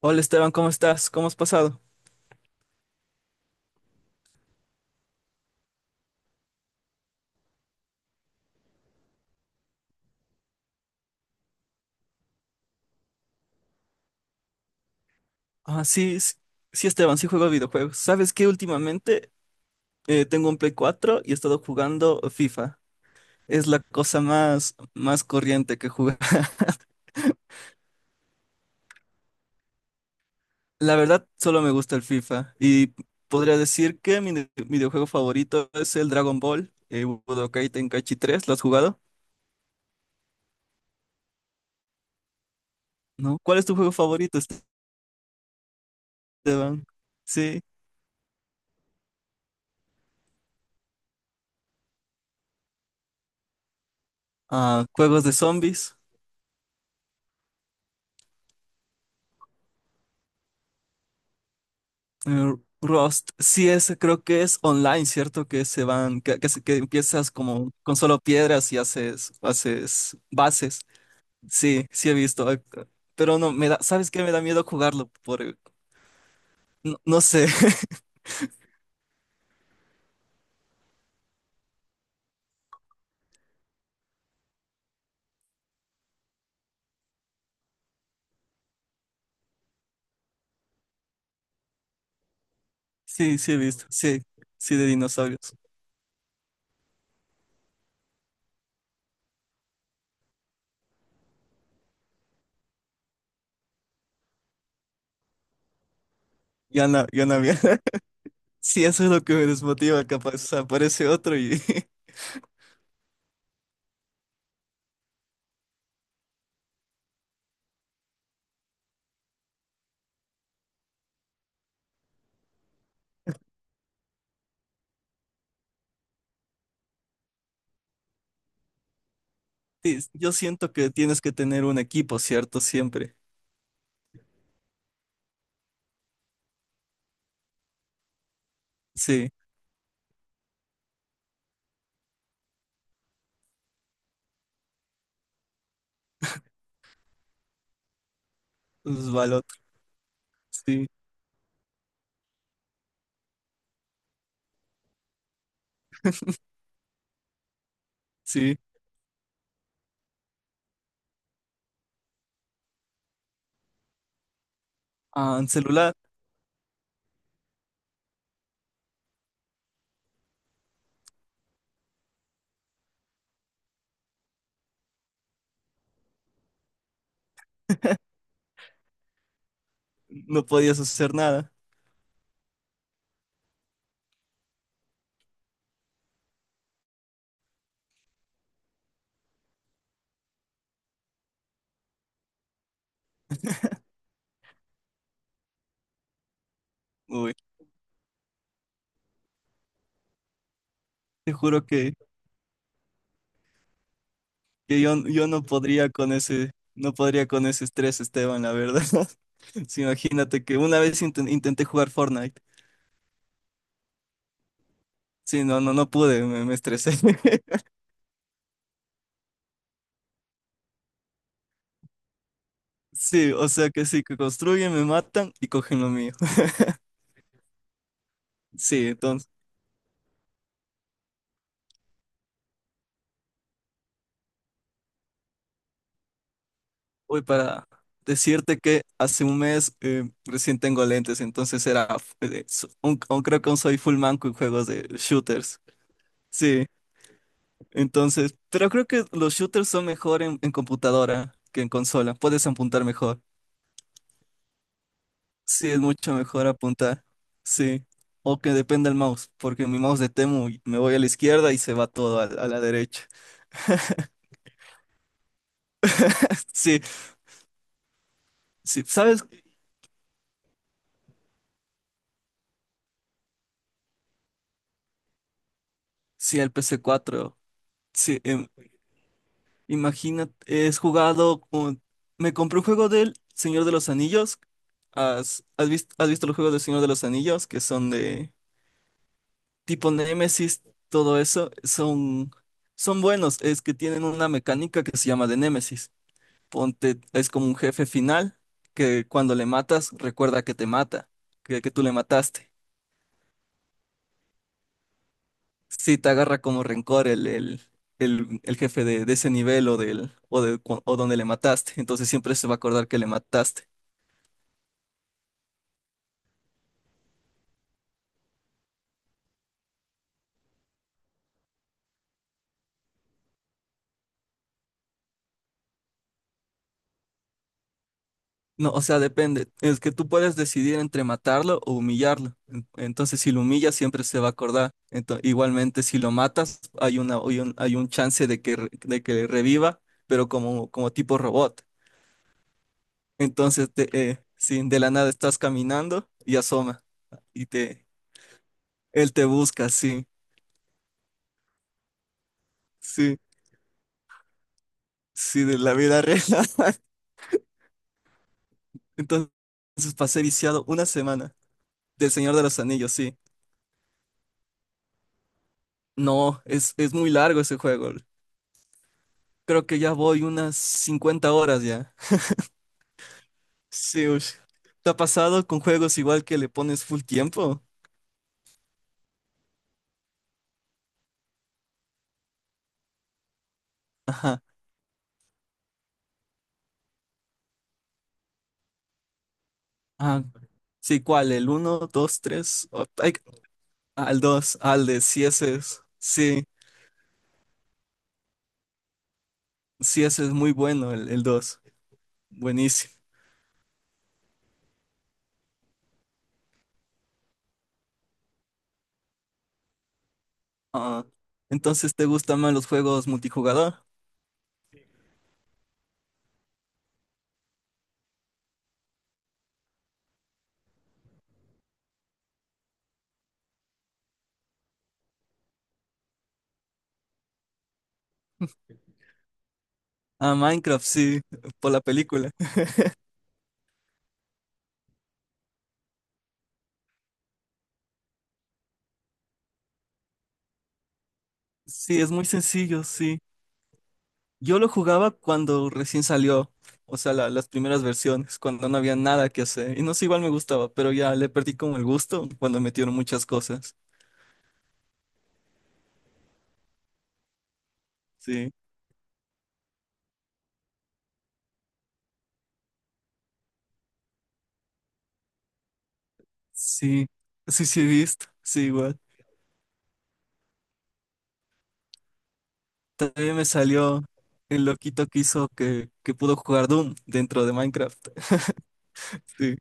Hola Esteban, ¿cómo estás? ¿Cómo has pasado? Ah, sí, sí, Esteban, sí juego videojuegos. ¿Sabes qué? Últimamente tengo un Play 4 y he estado jugando FIFA. Es la cosa más corriente que juego. La verdad, solo me gusta el FIFA. Y podría decir que mi videojuego favorito es el Dragon Ball, Budokai Tenkaichi 3. ¿Lo has jugado? ¿No? ¿Cuál es tu juego favorito, Esteban? Sí. Ah, juegos de zombies. Eh, Rust, sí, ese creo que es online, ¿cierto? Que se van, que empiezas como con solo piedras y haces bases. Sí, sí he visto. Pero no, me da, ¿sabes qué? Me da miedo jugarlo por, no, no sé. Sí, sí he visto. Sí, sí de dinosaurios. Ya no, ya no había. Sí, eso es lo que me desmotiva, capaz. O sea, aparece otro y sí, yo siento que tienes que tener un equipo, ¿cierto? Siempre. Sí, pues va el otro. Sí, sí. Ah, en celular. No podías hacer nada. Uy, te juro que yo no podría con ese estrés, Esteban, la verdad. Sí, imagínate que una vez intenté jugar Fortnite. Sí, no, no, no pude, me estresé. Sí, o sea que sí, que construyen, me matan y cogen lo mío. Sí, entonces, voy para decirte que hace un mes recién tengo lentes, entonces era, creo que aún soy full manco en juegos de shooters. Sí, entonces, pero creo que los shooters son mejor en, computadora que en consola. Puedes apuntar mejor. Sí, es mucho mejor apuntar. Sí. O que dependa el mouse, porque mi mouse de Temu y me voy a la izquierda y se va todo a la derecha. Sí, sí, ¿sabes? Sí, el PC4. Sí, imagínate, es jugado con- me compré un juego del Señor de los Anillos. ¿Has visto los juegos del Señor de los Anillos? Que son de, tipo Nemesis, todo eso, son buenos. Es que tienen una mecánica que se llama de Nemesis. Ponte, es como un jefe final que cuando le matas, recuerda que te mata, que tú le mataste. Si te agarra como rencor el jefe de ese nivel o, del, o, de, cu- o donde le mataste, entonces siempre se va a acordar que le mataste. No, o sea, depende. Es que tú puedes decidir entre matarlo o humillarlo. Entonces, si lo humillas, siempre se va a acordar. Igualmente, si lo matas, hay un chance de que reviva, pero como tipo robot. Entonces, si de la nada estás caminando y asoma, y te, él te busca, sí, sí, sí, de la vida real. Entonces, pasé viciado una semana del Señor de los Anillos, sí. No, es muy largo ese juego. Creo que ya voy unas 50 horas ya. Sí, ush. ¿Te ha pasado con juegos igual que le pones full tiempo? Ajá. Ah, sí, ¿cuál? ¿El 1, 2, 3? Al 2 al de sí, ese es. Sí, sí, ese es muy bueno, el dos. Buenísimo. Ah, entonces, ¿te gustan más los juegos multijugador? Ah, Minecraft, sí, por la película. Sí, es muy sencillo, sí. Yo lo jugaba cuando recién salió, o sea, las primeras versiones, cuando no había nada que hacer. Y no sé, igual me gustaba, pero ya le perdí como el gusto cuando metieron muchas cosas. Sí, sí, sí, sí, he visto, sí, igual. También me salió el loquito que hizo que pudo jugar Doom dentro de Minecraft, sí,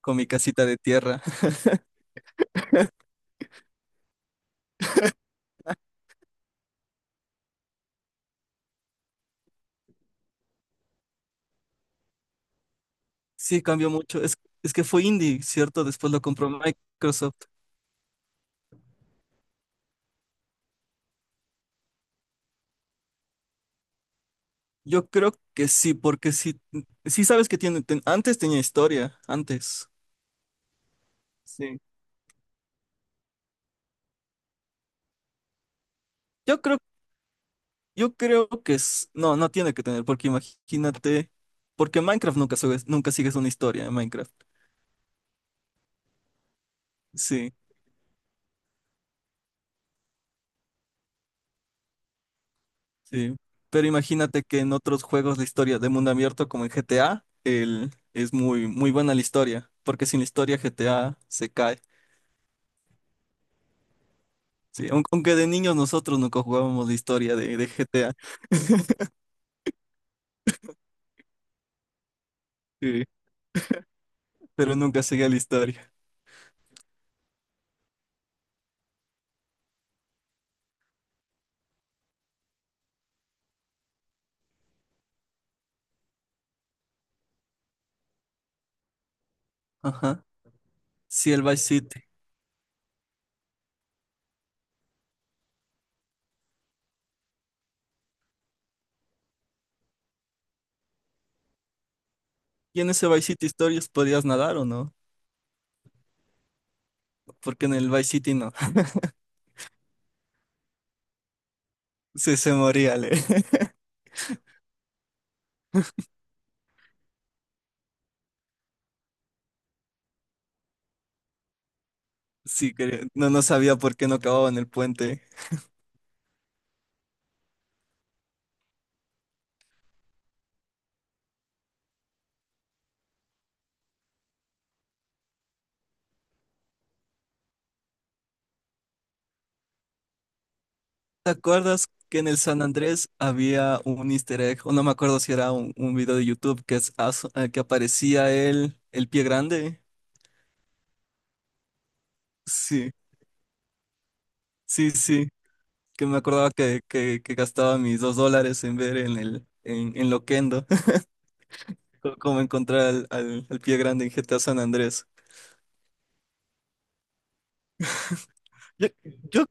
con mi casita de tierra. Sí, cambió mucho. Es que fue indie, ¿cierto? Después lo compró Microsoft. Yo creo que sí, porque sí, sí sabes que antes tenía historia, antes. Sí. Yo creo, yo creo que es. No, no tiene que tener, porque imagínate. Porque Minecraft nunca sigues, nunca sigues una historia en Minecraft. Sí, sí. Pero imagínate que en otros juegos de historia de mundo abierto, como en GTA, es muy, muy buena la historia. Porque sin la historia GTA se cae. Sí, aunque de niños nosotros nunca jugábamos la historia de, GTA. Sí, pero nunca seguía la historia. Ajá. Sí, el Vice City. ¿Y en ese Vice City Stories podías nadar o no? Porque en el Vice City no. Sí, se moría, Ale. Sí, no, no sabía por qué no acababa en el puente. ¿Te acuerdas que en el San Andrés había un easter egg? O no me acuerdo si era un, video de YouTube que, que aparecía el pie grande. Sí, sí, sí. Que me acordaba que gastaba mis 2 dólares en ver en el en Loquendo cómo encontrar al, al pie grande en GTA San Andrés. Yo, yo,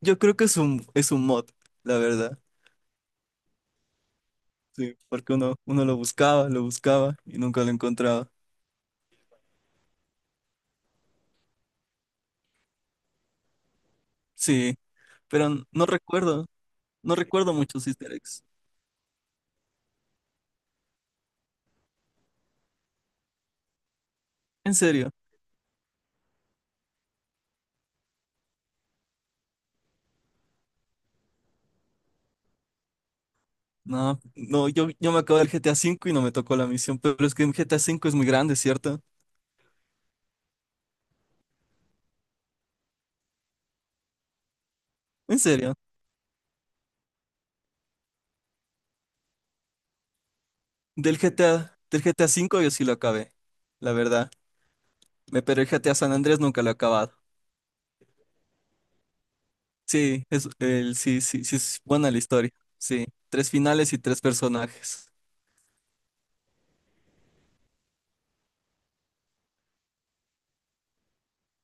yo creo que es un mod, la verdad. Sí, porque uno lo buscaba y nunca lo encontraba. Sí, pero no recuerdo, no recuerdo muchos easter eggs. En serio, no, no, yo me acabo del GTA V y no me tocó la misión, pero es que el GTA V es muy grande, ¿cierto? En serio, del GTA, del GTA V yo sí lo acabé, la verdad. Pero el GTA San Andrés nunca lo he acabado. Sí, sí, sí, sí, es buena la historia. Sí, tres finales y tres personajes.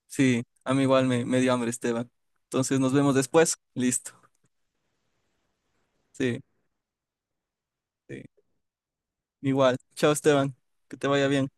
Sí, a mí igual me dio hambre, Esteban. Entonces nos vemos después. Listo. Sí, sí. Igual. Chao, Esteban. Que te vaya bien.